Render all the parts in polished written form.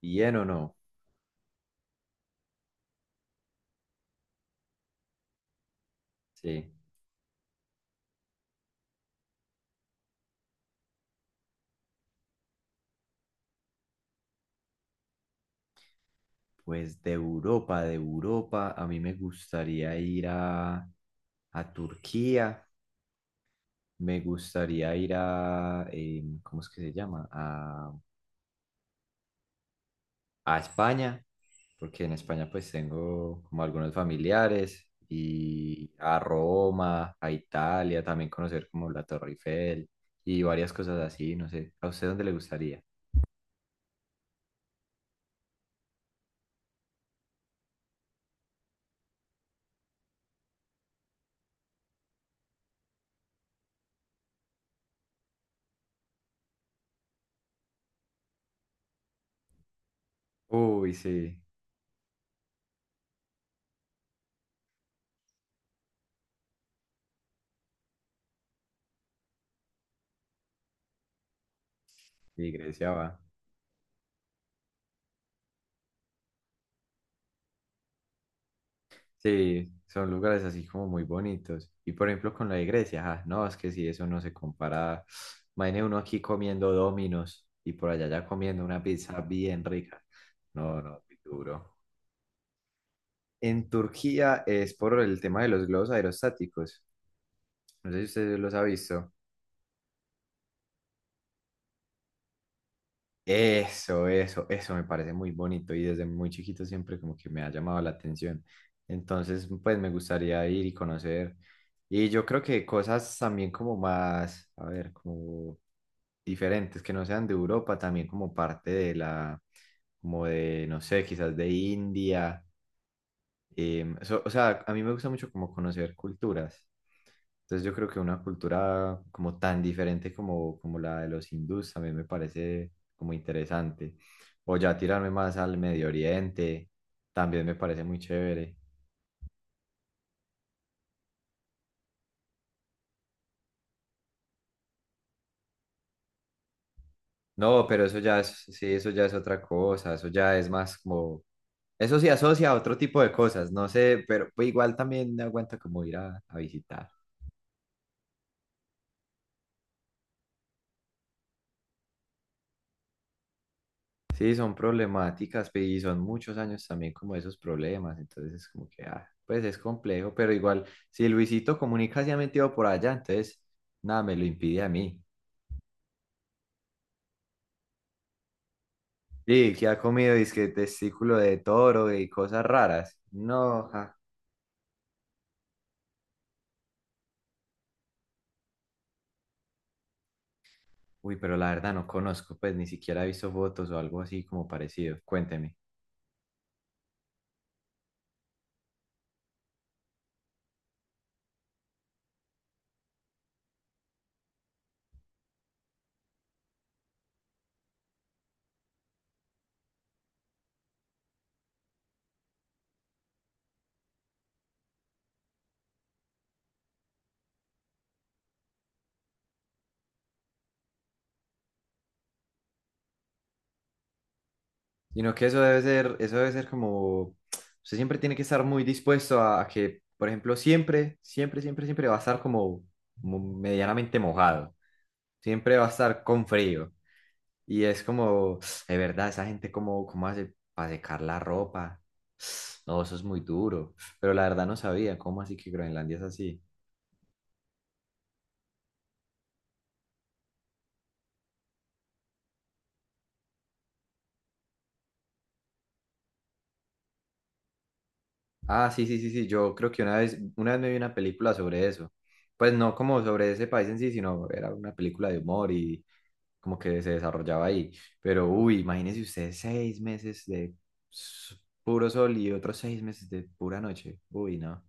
Bien o no. Sí. Pues de Europa, a mí me gustaría ir a Turquía, me gustaría ir a, ¿cómo es que se llama? A España, porque en España pues tengo como algunos familiares, y a Roma, a Italia, también conocer como la Torre Eiffel y varias cosas así, no sé. ¿A usted dónde le gustaría? Uy, sí, sí, Grecia va. Sí, son lugares así como muy bonitos. Y por ejemplo con la iglesia, ah, no, es que si eso no se compara. Imagine uno aquí comiendo Domino's y por allá ya comiendo una pizza bien rica. No, no, muy duro. En Turquía es por el tema de los globos aerostáticos. No sé si usted los ha visto. Eso me parece muy bonito y desde muy chiquito siempre como que me ha llamado la atención. Entonces, pues me gustaría ir y conocer. Y yo creo que cosas también como más, a ver, como diferentes, que no sean de Europa, también como parte de la, como de, no sé, quizás de India. O sea, a mí me gusta mucho como conocer culturas. Entonces yo creo que una cultura como tan diferente como, como la de los hindús también me parece como interesante. O ya tirarme más al Medio Oriente, también me parece muy chévere. No, pero eso ya es, sí, eso ya es otra cosa, eso ya es más como, eso sí asocia a otro tipo de cosas, no sé, pero pues, igual también me aguanta como ir a visitar. Sí, son problemáticas y son muchos años también como esos problemas, entonces es como que, ah, pues es complejo, pero igual, si Luisito Comunica se ha metido por allá, entonces nada me lo impide a mí. Sí, que ha comido Disque testículo de toro y cosas raras. No, ja. Uy, pero la verdad no conozco, pues ni siquiera he visto fotos o algo así como parecido. Cuénteme. Sino que eso debe ser como, usted siempre tiene que estar muy dispuesto a que, por ejemplo, siempre, siempre, siempre, siempre va a estar como medianamente mojado, siempre va a estar con frío. Y es como, de verdad, esa gente cómo, cómo hace para secar la ropa. No, eso es muy duro. Pero la verdad no sabía, ¿cómo así que Groenlandia es así? Ah, sí, sí, sí, sí, yo creo que una vez me vi una película sobre eso. Pues no como sobre ese país en sí, sino era una película de humor y como que se desarrollaba ahí. Pero, uy, imagínense ustedes seis meses de s- puro sol y otros seis meses de pura noche. Uy, no.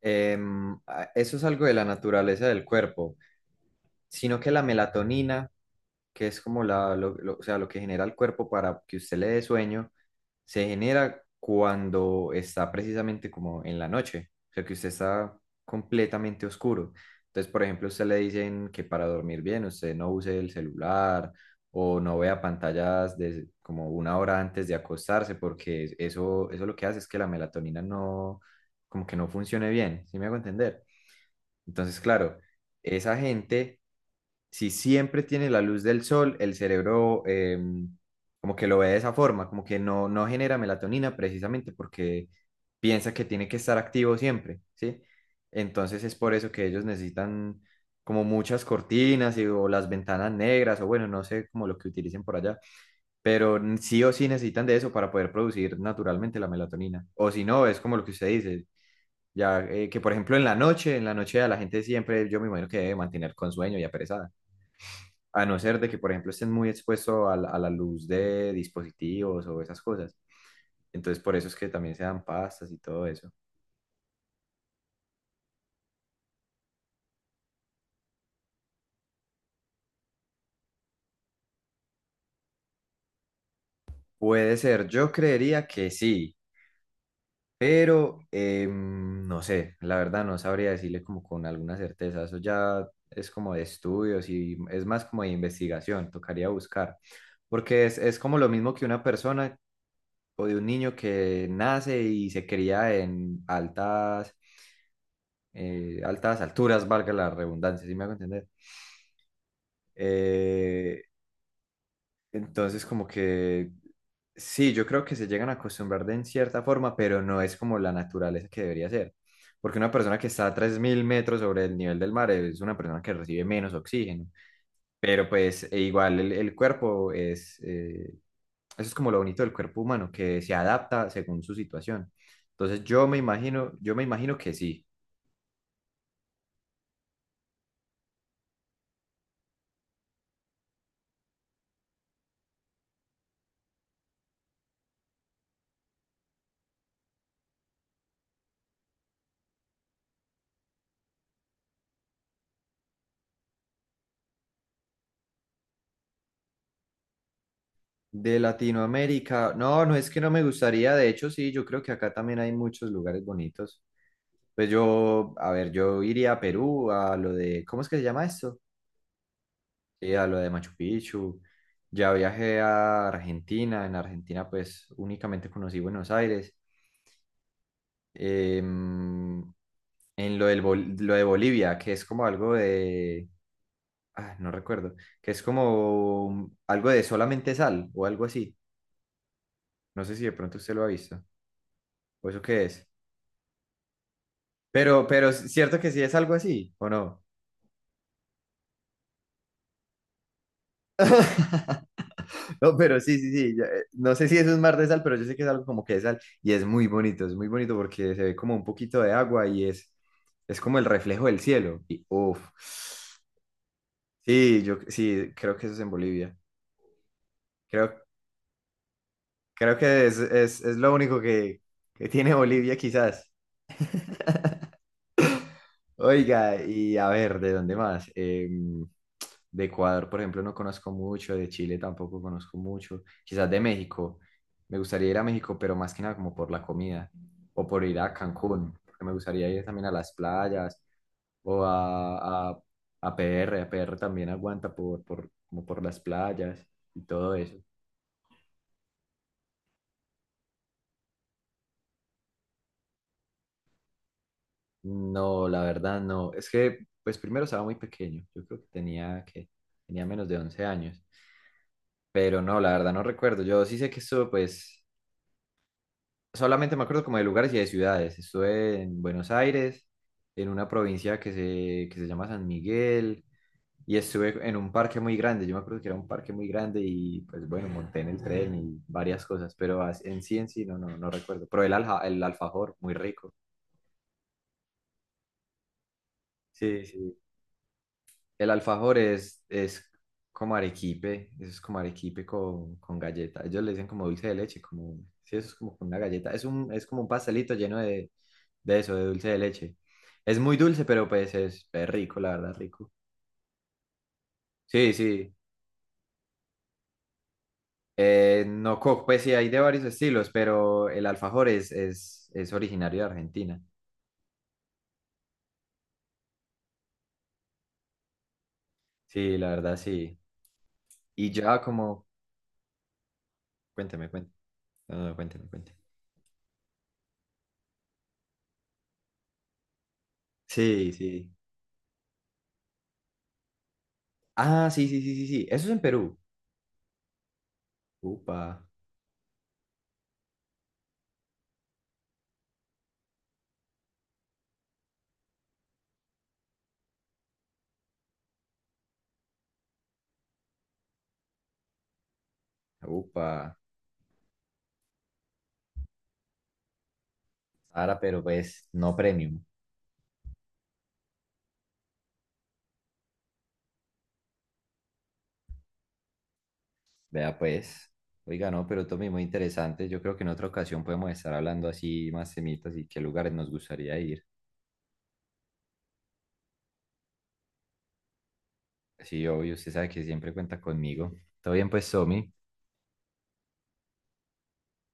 Eso es algo de la naturaleza del cuerpo, sino que la melatonina que es como o sea, lo que genera el cuerpo para que usted le dé sueño, se genera cuando está precisamente como en la noche, o sea, que usted está completamente oscuro. Entonces, por ejemplo, a usted le dicen que para dormir bien usted no use el celular o no vea pantallas de, como una hora antes de acostarse, porque eso lo que hace es que la melatonina no, como que no funcione bien, ¿sí me hago entender? Entonces, claro, esa gente si siempre tiene la luz del sol, el cerebro como que lo ve de esa forma, como que no, no genera melatonina precisamente porque piensa que tiene que estar activo siempre, ¿sí? Entonces es por eso que ellos necesitan como muchas cortinas y, o las ventanas negras o bueno, no sé como lo que utilicen por allá, pero sí o sí necesitan de eso para poder producir naturalmente la melatonina. O si no, es como lo que usted dice, ya que por ejemplo en la noche a la gente siempre, yo me imagino que debe mantener con sueño y aperezada. A no ser de que, por ejemplo, estén muy expuestos a la luz de dispositivos o esas cosas. Entonces, por eso es que también se dan pastas y todo eso. Puede ser, yo creería que sí, pero no sé, la verdad no sabría decirle como con alguna certeza. Eso ya es como de estudios y es más como de investigación, tocaría buscar. Porque es como lo mismo que una persona o de un niño que nace y se cría en altas, altas alturas, valga la redundancia, ¿sí me hago entender? Eh, entonces, como que sí, yo creo que se llegan a acostumbrar de en cierta forma, pero no es como la naturaleza que debería ser. Porque una persona que está a 3.000 metros sobre el nivel del mar es una persona que recibe menos oxígeno. Pero pues e igual el cuerpo es, eso es como lo bonito del cuerpo humano, que se adapta según su situación. Entonces yo me imagino que sí. De Latinoamérica, no, no es que no me gustaría, de hecho sí, yo creo que acá también hay muchos lugares bonitos. Pues yo, a ver, yo iría a Perú, a lo de, ¿cómo es que se llama esto? Sí, a lo de Machu Picchu. Ya viajé a Argentina, en Argentina pues únicamente conocí Buenos Aires. Em, en lo, del Bol- Lo de Bolivia, que es como algo de, ah, no recuerdo, que es como algo de solamente sal o algo así. No sé si de pronto usted lo ha visto, o eso qué es. Pero es cierto que sí es algo así, ¿o no? No, pero sí, sí, sí. Ya, no sé si eso es mar de sal, pero yo sé que es algo como que de sal y es muy bonito porque se ve como un poquito de agua y es como el reflejo del cielo. Y uff. Sí, yo sí, creo que eso es en Bolivia. Creo, creo que es lo único que tiene Bolivia quizás. Oiga, y a ver, ¿de dónde más? De Ecuador, por ejemplo, no conozco mucho, de Chile tampoco conozco mucho, quizás de México. Me gustaría ir a México, pero más que nada como por la comida o por ir a Cancún, porque me gustaría ir también a las playas o a PR. A PR también aguanta como por las playas y todo eso. No, la verdad no. Es que, pues primero estaba muy pequeño. Yo creo que tenía menos de 11 años. Pero no, la verdad no recuerdo. Yo sí sé que estuve pues solamente me acuerdo como de lugares y de ciudades. Estuve en Buenos Aires, en una provincia que se llama San Miguel, y estuve en un parque muy grande. Yo me acuerdo que era un parque muy grande y pues bueno, monté en el tren y varias cosas, pero en sí no, no, no recuerdo. Pero el alfajor, muy rico. Sí, sí. El alfajor es como arequipe, eso es como arequipe con galleta. Ellos le dicen como dulce de leche, como, sí, eso es como con una galleta. Es un, es como un pastelito lleno de eso, de dulce de leche. Es muy dulce, pero pues es rico, la verdad, rico. Sí, sí. No, pues sí, hay de varios estilos, pero el alfajor es originario de Argentina. Sí, la verdad, sí. Y ya como, cuénteme, cuénteme. No, no, cuénteme, cuénteme. Sí, sí. Ah, sí, sí, sí, sí, sí. Eso es en Perú. Upa. Upa, Sara, pero pues no premium. Vea pues. Oiga, no, pero Tommy, muy interesante. Yo creo que en otra ocasión podemos estar hablando así más semitas y qué lugares nos gustaría ir. Sí, obvio, usted sabe que siempre cuenta conmigo. Todo bien, pues, Tommy.